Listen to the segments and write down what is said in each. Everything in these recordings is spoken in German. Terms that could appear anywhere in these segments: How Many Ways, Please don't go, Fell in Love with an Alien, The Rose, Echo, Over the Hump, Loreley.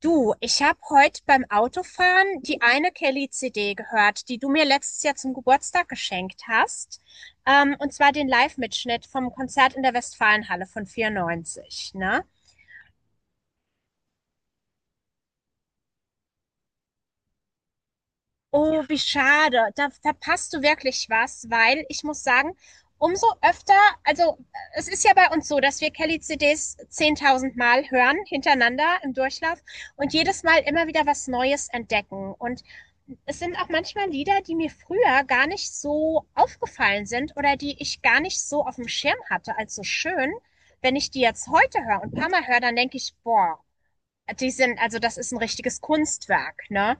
Du, ich habe heute beim Autofahren die eine Kelly CD gehört, die du mir letztes Jahr zum Geburtstag geschenkt hast. Und zwar den Live-Mitschnitt vom Konzert in der Westfalenhalle von 94, ne? Oh, wie schade. Da verpasst du wirklich was, weil ich muss sagen, umso öfter, also es ist ja bei uns so, dass wir Kelly-CDs 10.000 Mal hören, hintereinander im Durchlauf und jedes Mal immer wieder was Neues entdecken. Und es sind auch manchmal Lieder, die mir früher gar nicht so aufgefallen sind oder die ich gar nicht so auf dem Schirm hatte als so schön. Wenn ich die jetzt heute höre und ein paar Mal höre, dann denke ich, boah, also das ist ein richtiges Kunstwerk, ne?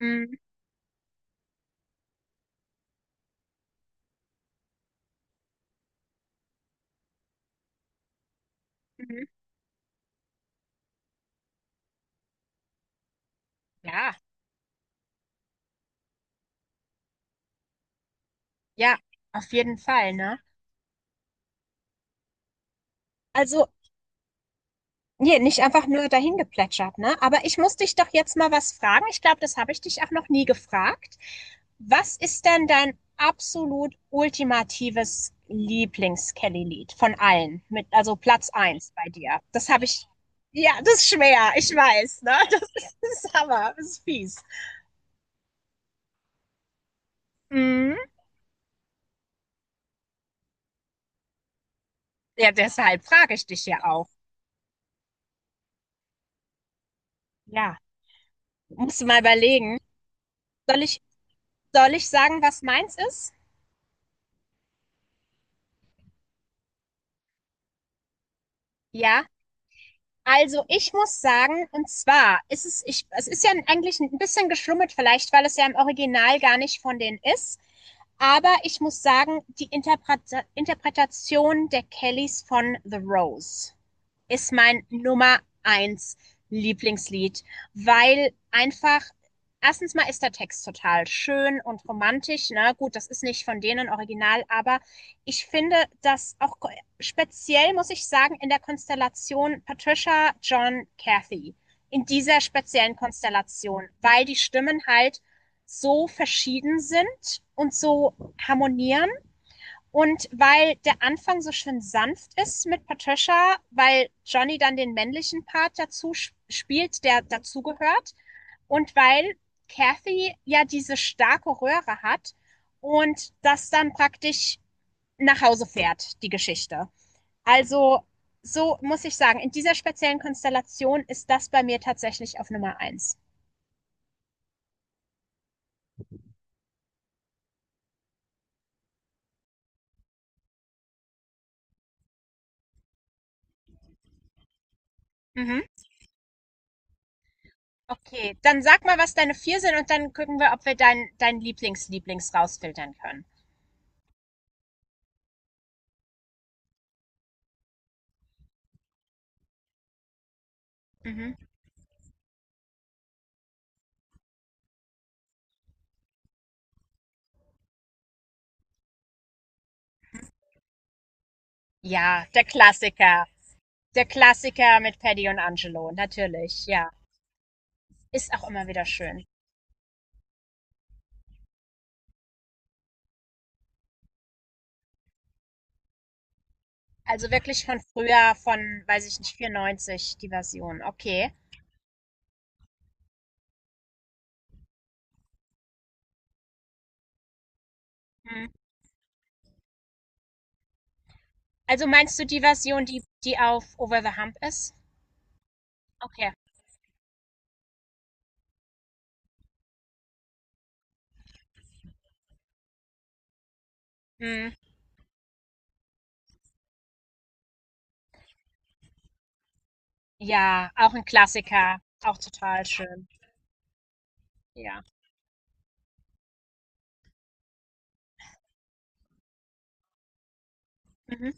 Mhm. Ja. Ja, auf jeden Fall, ne? Also, nee, nicht einfach nur dahin geplätschert, ne? Aber ich muss dich doch jetzt mal was fragen. Ich glaube, das habe ich dich auch noch nie gefragt. Was ist denn dein absolut ultimatives Lieblings-Kelly-Lied von allen? Also Platz eins bei dir. Das habe ich. Ja, das ist schwer, ich weiß, ne? Das ist Hammer, das ist fies. Mhm. Ja, deshalb frage ich dich ja auch. Ja, musst du mal überlegen. Soll ich, soll ich sagen, was meins ist? Ja. Also, ich muss sagen, und zwar ist es, ich, es ist ja eigentlich ein bisschen geschlummert, vielleicht, weil es ja im Original gar nicht von denen ist. Aber ich muss sagen, die Interpretation der Kellys von The Rose ist mein Nummer eins Lieblingslied, weil einfach erstens mal ist der Text total schön und romantisch. Na gut, das ist nicht von denen original, aber ich finde, dass auch speziell, muss ich sagen, in der Konstellation Patricia, John, Kathy. In dieser speziellen Konstellation, weil die Stimmen halt so verschieden sind und so harmonieren und weil der Anfang so schön sanft ist mit Patricia, weil Johnny dann den männlichen Part dazu spielt, der dazugehört und weil Kathy ja diese starke Röhre hat und das dann praktisch nach Hause fährt, die Geschichte. Also, so muss ich sagen, in dieser speziellen Konstellation ist das bei mir tatsächlich auf Nummer eins. Mhm. Okay, dann sag mal, was deine vier sind und dann gucken wir, ob wir dein Lieblings-Lieblings rausfiltern können. Mhm. Ja, der Klassiker. Der Klassiker mit Paddy und Angelo, natürlich, ja. Ist auch immer wieder schön. Also wirklich von früher, von, weiß ich nicht, 94, die Version. Okay. Mhm. Also meinst du die Version, die auf Over the Hump ist? Okay. Mhm. Ja, auch ein Klassiker, auch total schön. Ja. Mhm.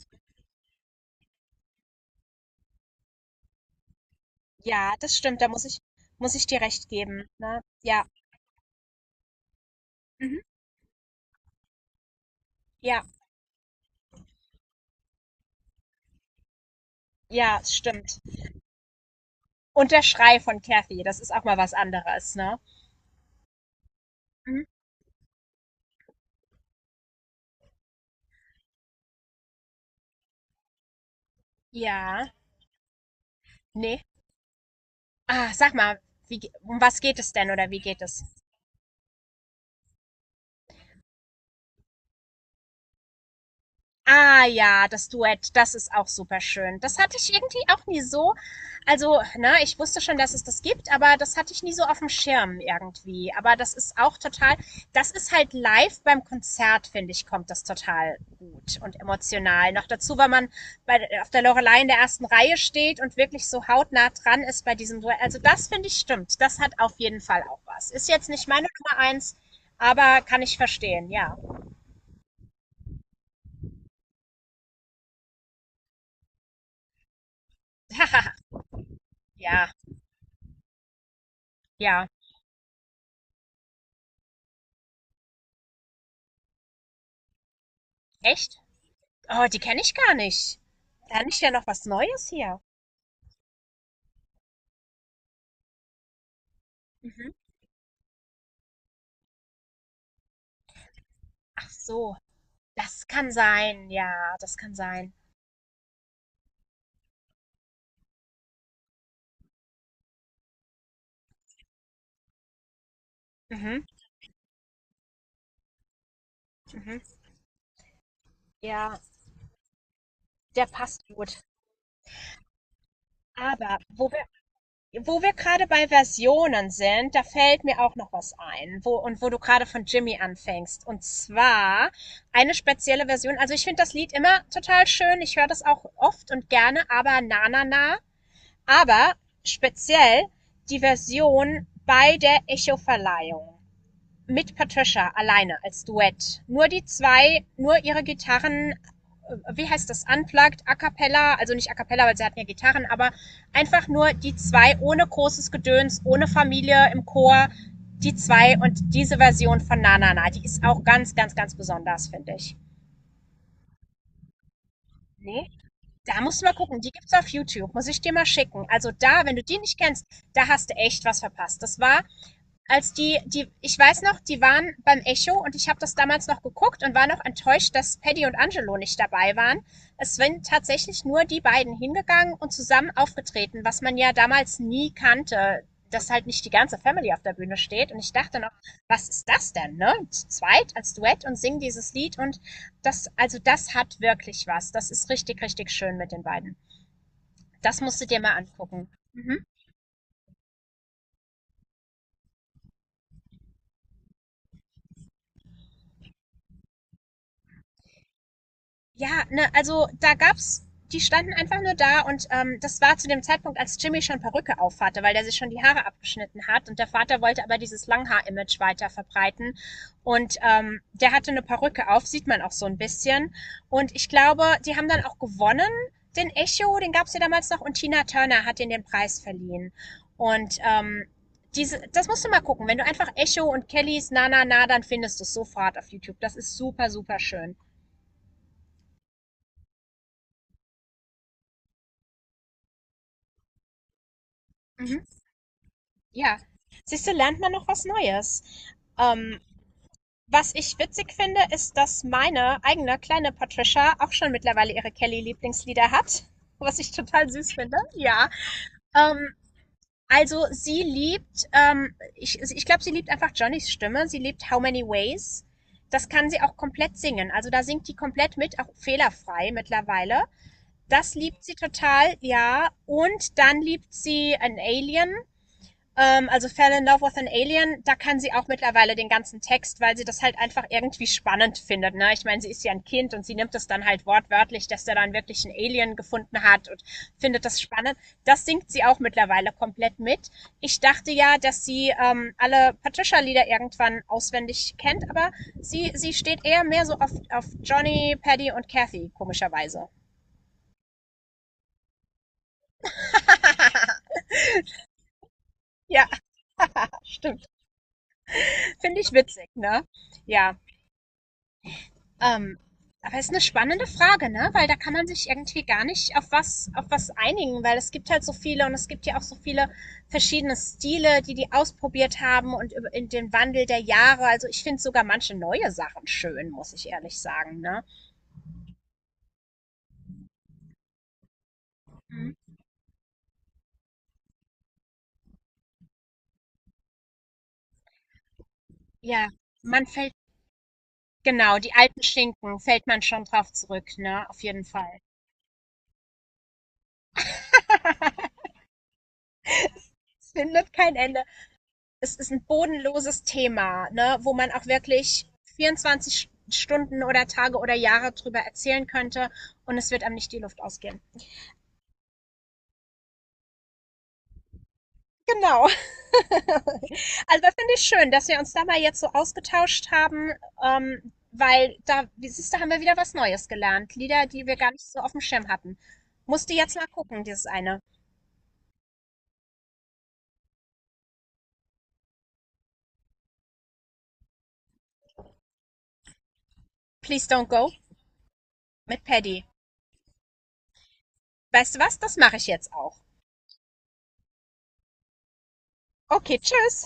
Ja, das stimmt, da muss ich dir recht geben, ne? Ja. Mhm. Ja, ja, es stimmt. Und der Schrei von Kathy, das ist auch mal was anderes, ne? Mhm. Ja. Nee. Ah, sag mal, wie ge um was geht es denn oder wie geht es? Ah ja, das Duett, das ist auch super schön. Das hatte ich irgendwie auch nie so. Also, ne, ich wusste schon, dass es das gibt, aber das hatte ich nie so auf dem Schirm irgendwie. Aber das ist halt live beim Konzert, finde ich, kommt das total gut und emotional. Noch dazu, weil man auf der Loreley in der ersten Reihe steht und wirklich so hautnah dran ist bei diesem Duett. Also das finde ich stimmt. Das hat auf jeden Fall auch was. Ist jetzt nicht meine Nummer eins, aber kann ich verstehen, ja. Ja, ja. Echt? Oh, die kenne ich gar nicht. Lerne ich ja noch was Neues hier. Mhm. Ach so, das kann sein. Ja, das kann sein. Mhm. Mhm. Ja, der passt gut. Aber wo wir gerade bei Versionen sind, da fällt mir auch noch was ein. Und wo du gerade von Jimmy anfängst. Und zwar eine spezielle Version. Also ich finde das Lied immer total schön. Ich höre das auch oft und gerne, aber na, na, na. Aber speziell die Version bei der Echo-Verleihung mit Patricia alleine als Duett. Nur die zwei, nur ihre Gitarren, wie heißt das, unplugged, a cappella, also nicht a cappella, weil sie hatten ja Gitarren, aber einfach nur die zwei ohne großes Gedöns, ohne Familie im Chor, die zwei und diese Version von Na Na Na, die ist auch ganz, ganz, ganz besonders, finde ich. Nee? Da musst du mal gucken, die gibt's auf YouTube, muss ich dir mal schicken. Also da, wenn du die nicht kennst, da hast du echt was verpasst. Das war als ich weiß noch, die waren beim Echo und ich habe das damals noch geguckt und war noch enttäuscht, dass Paddy und Angelo nicht dabei waren. Es sind tatsächlich nur die beiden hingegangen und zusammen aufgetreten, was man ja damals nie kannte, dass halt nicht die ganze Family auf der Bühne steht. Und ich dachte noch, was ist das denn, ne? Zu zweit als Duett und singen dieses Lied und also das hat wirklich was. Das ist richtig, richtig schön mit den beiden. Das musst du dir mal angucken. Mhm. Ja, ne, also da gab's die standen einfach nur da und, das war zu dem Zeitpunkt, als Jimmy schon Perücke aufhatte, weil der sich schon die Haare abgeschnitten hat und der Vater wollte aber dieses Langhaar-Image weiter verbreiten und, der hatte eine Perücke auf, sieht man auch so ein bisschen und ich glaube, die haben dann auch gewonnen, den Echo, den gab's ja damals noch und Tina Turner hat ihnen den Preis verliehen und, diese das musst du mal gucken. Wenn du einfach Echo und Kellys „Na na na", dann findest du es sofort auf YouTube. Das ist super, super schön. Mhm. Ja, siehst du, lernt man noch was Neues. Ähm, Was ich witzig finde, ist, dass meine eigene kleine Patricia auch schon mittlerweile ihre Kelly-Lieblingslieder hat, was ich total süß finde. Ja. Ähm, also ich glaube, sie liebt einfach Johnnys Stimme. Sie liebt How Many Ways. Das kann sie auch komplett singen. Also da singt die komplett mit, auch fehlerfrei mittlerweile. Das liebt sie total, ja. Und dann liebt sie an Alien. Also Fell in Love with an Alien, da kann sie auch mittlerweile den ganzen Text, weil sie das halt einfach irgendwie spannend findet. Ne? Ich meine, sie ist ja ein Kind und sie nimmt das dann halt wortwörtlich, dass der dann wirklich einen Alien gefunden hat und findet das spannend. Das singt sie auch mittlerweile komplett mit. Ich dachte ja, dass sie alle Patricia-Lieder irgendwann auswendig kennt, aber sie steht eher mehr so auf, Johnny, Paddy und Kathy, komischerweise. Ja, stimmt. Finde ich witzig, ne? Ja. Ähm, aber ist eine spannende Frage, ne? Weil da kann man sich irgendwie gar nicht auf was einigen, weil es gibt halt so viele und es gibt ja auch so viele verschiedene Stile, die die ausprobiert haben und in den Wandel der Jahre. Also ich finde sogar manche neue Sachen schön, muss ich ehrlich sagen, ne? Mhm. Ja, man fällt, genau, die alten Schinken fällt man schon drauf zurück, ne? Auf jeden Fall. Es findet kein Ende. Es ist ein bodenloses Thema, ne, wo man auch wirklich 24 Stunden oder Tage oder Jahre drüber erzählen könnte und es wird einem nicht die Luft ausgehen. Genau. Also das finde ich schön, dass wir uns da mal jetzt so ausgetauscht haben, weil da, siehst du, haben wir wieder was Neues gelernt. Lieder, die wir gar nicht so auf dem Schirm hatten. Musste jetzt mal gucken, dieses eine. Please Don't Go mit Paddy. Weißt du was? Das mache ich jetzt auch. Okay, tschüss.